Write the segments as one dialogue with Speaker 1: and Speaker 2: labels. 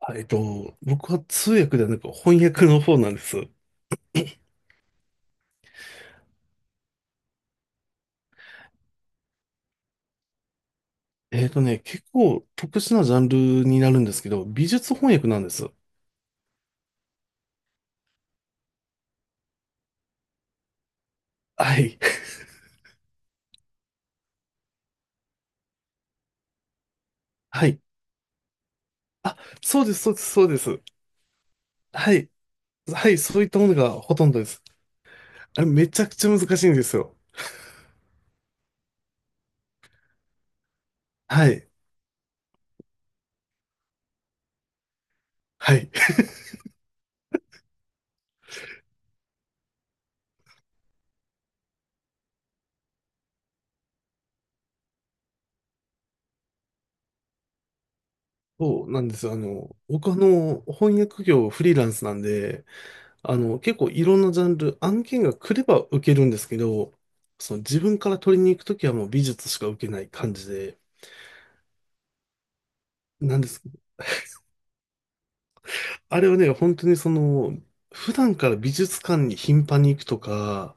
Speaker 1: 僕は通訳ではなく翻訳の方なんです。結構特殊なジャンルになるんですけど、美術翻訳なんです。はい。はい。あ、そうです、そうです、そうです。はい。はい、そういったものがほとんどです。あれ、めちゃくちゃ難しいんですよ。はい。はい。そうなんですよ。僕翻訳業フリーランスなんで、結構いろんなジャンル、案件が来れば受けるんですけど、その自分から取りに行くときはもう美術しか受けない感じで、なんです。あれはね、本当にその、普段から美術館に頻繁に行くとか、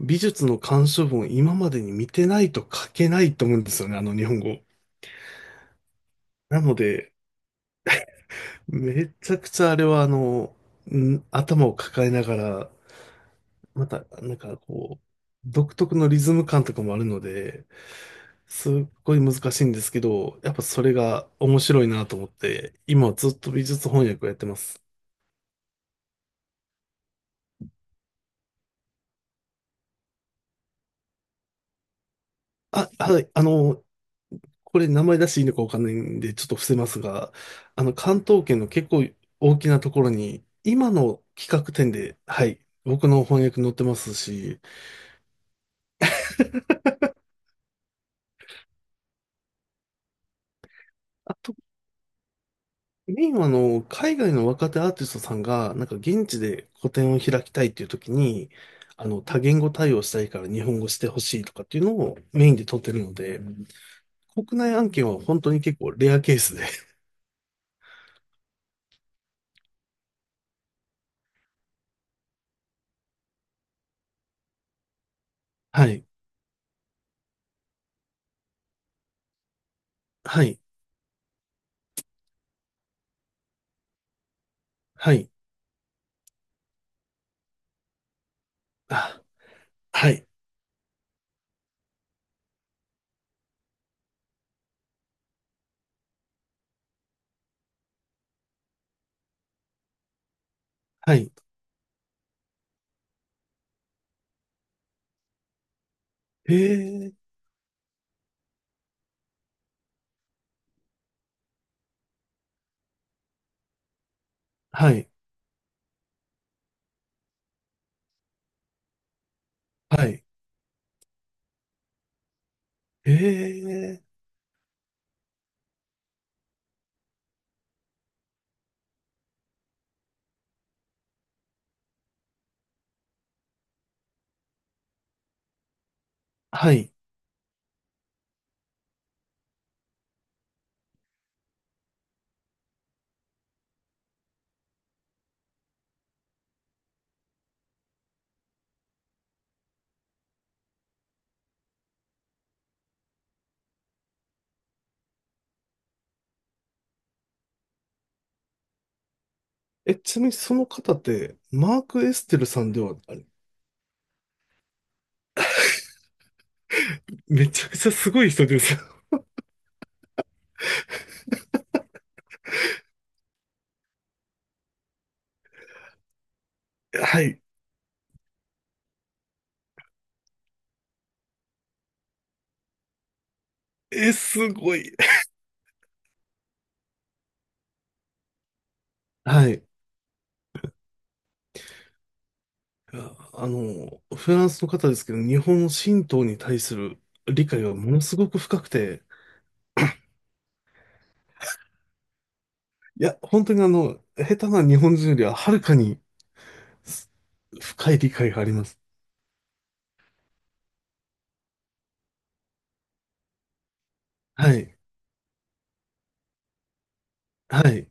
Speaker 1: 美術の鑑賞文を今までに見てないと書けないと思うんですよね、あの日本語。なので、めちゃくちゃあれはあの、頭を抱えながら、また、なんかこう、独特のリズム感とかもあるので、すっごい難しいんですけど、やっぱそれが面白いなと思って、今はずっと美術翻訳をやってます。あ、はい、あの、これ名前出していいのかわかんないんで、ちょっと伏せますが、あの、関東圏の結構大きなところに、今の企画展で、はい、僕の翻訳載ってますし、あと、メインはあの、海外の若手アーティストさんが、なんか現地で個展を開きたいっていう時に、あの、多言語対応したいから日本語してほしいとかっていうのをメインで撮ってるので、国内案件は本当に結構レアケースで、はい、はい、はい、あ、はい、はい、へえ、はい、はい。ええ、はい。え、ちなみにその方って、マーク・エステルさんでは、あれ、めちゃくちゃすごい人ですよ。はい。え、すごい。はい。あの、フランスの方ですけど、日本の神道に対する理解はものすごく深くて、いや、本当にあの、下手な日本人よりははるかにす深い理解があります。はい。はい。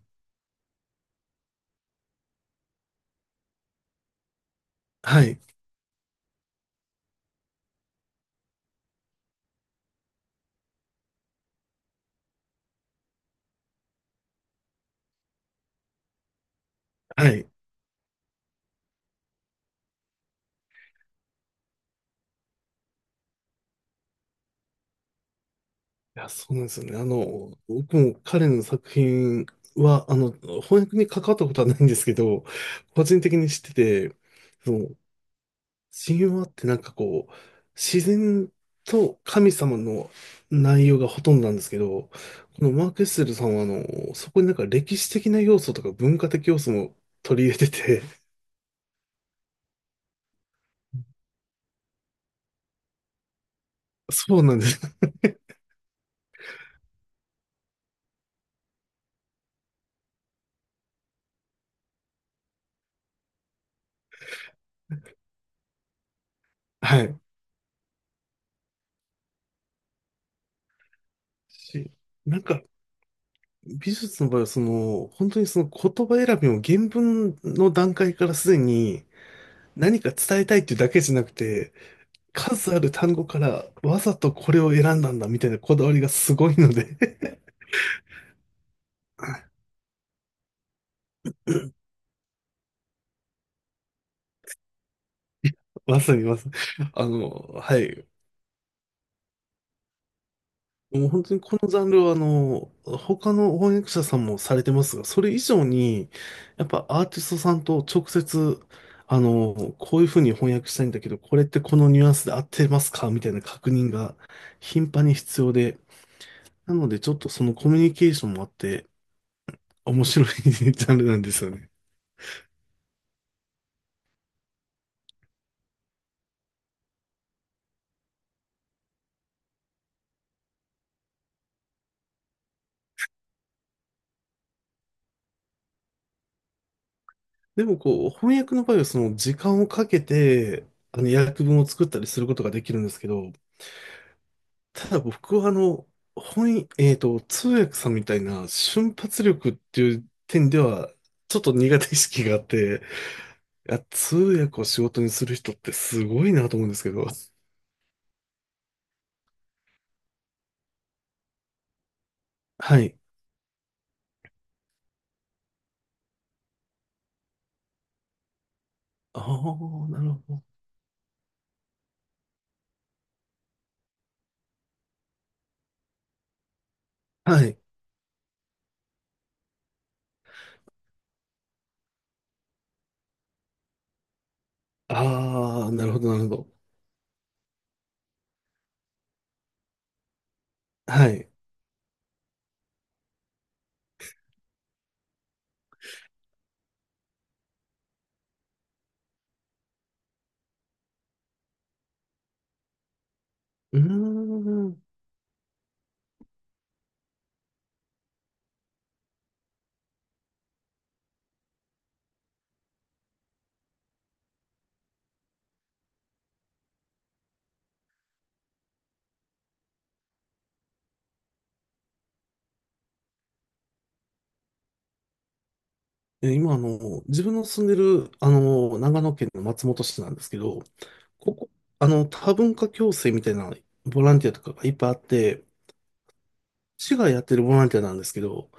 Speaker 1: はい。はい。いや、そうなんですよね。あの、僕も彼の作品は、あの、翻訳に関わったことはないんですけど、個人的に知ってて、その、神話ってなんかこう、自然と神様の内容がほとんどなんですけど、このマーク・エッセルさんは、あの、そこになんか歴史的な要素とか文化的要素も取り入れてて、そうなんです。はい。しなんか、美術の場合は、その、本当にその言葉選びも原文の段階からすでに、何か伝えたいっていうだけじゃなくて、数ある単語からわざとこれを選んだんだみたいなこだわりがすごいので。 まさにまさに。あの、はい。もう本当にこのジャンルはあの、他の翻訳者さんもされてますが、それ以上に、やっぱアーティストさんと直接、あの、こういうふうに翻訳したいんだけど、これってこのニュアンスで合ってますかみたいな確認が頻繁に必要で、なのでちょっとそのコミュニケーションもあって、面白い ジャンルなんですよね。でもこう、翻訳の場合はその時間をかけて、あの、訳文を作ったりすることができるんですけど、ただ僕はあの、えっと、通訳さんみたいな瞬発力っていう点では、ちょっと苦手意識があって、いや、通訳を仕事にする人ってすごいなと思うんですけど。はい。ああ、なるほど。はい。ああ、なるほど、なるほど。はい。うーん。え、今、あの、自分の住んでる、あの、長野県の松本市なんですけど、ここ、あの、多文化共生みたいなボランティアとかがいっぱいあって、市がやってるボランティアなんですけど、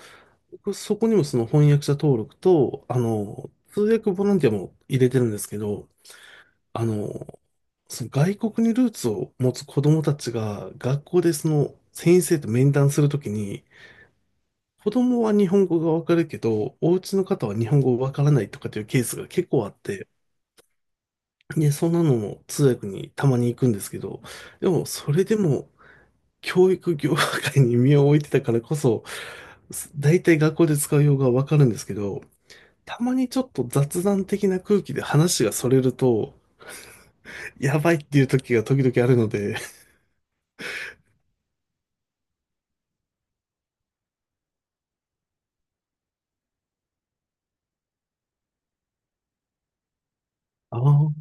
Speaker 1: 僕そこにもその翻訳者登録と、あの、通訳ボランティアも入れてるんですけど、あの、その外国にルーツを持つ子供たちが学校でその先生と面談するときに、子供は日本語がわかるけど、お家の方は日本語わからないとかっていうケースが結構あって、で、そんなのも通訳にたまに行くんですけど、でもそれでも、教育業界に身を置いてたからこそ、大体学校で使う用語はわかるんですけど、たまにちょっと雑談的な空気で話がそれると、やばいっていう時が時々あるので、ああ、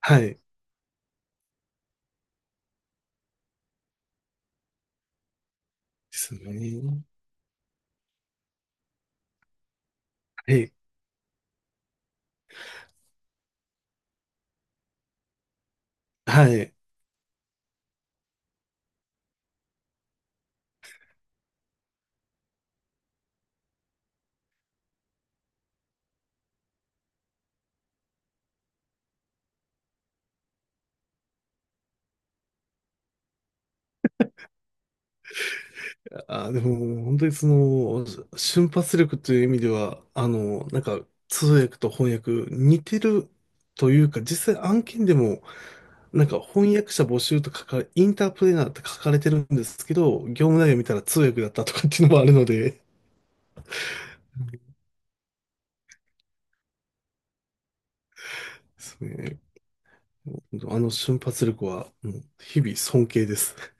Speaker 1: はい。ですね。はい。はい。あ、でも、本当にその、瞬発力という意味では、あの、なんか、通訳と翻訳似てるというか、実際案件でもなんか翻訳者募集と書かれ、インタープレーナーって書かれてるんですけど、業務内容見たら通訳だったとかっていうのもあるので、ですね。あの瞬発力は、うん、日々尊敬です。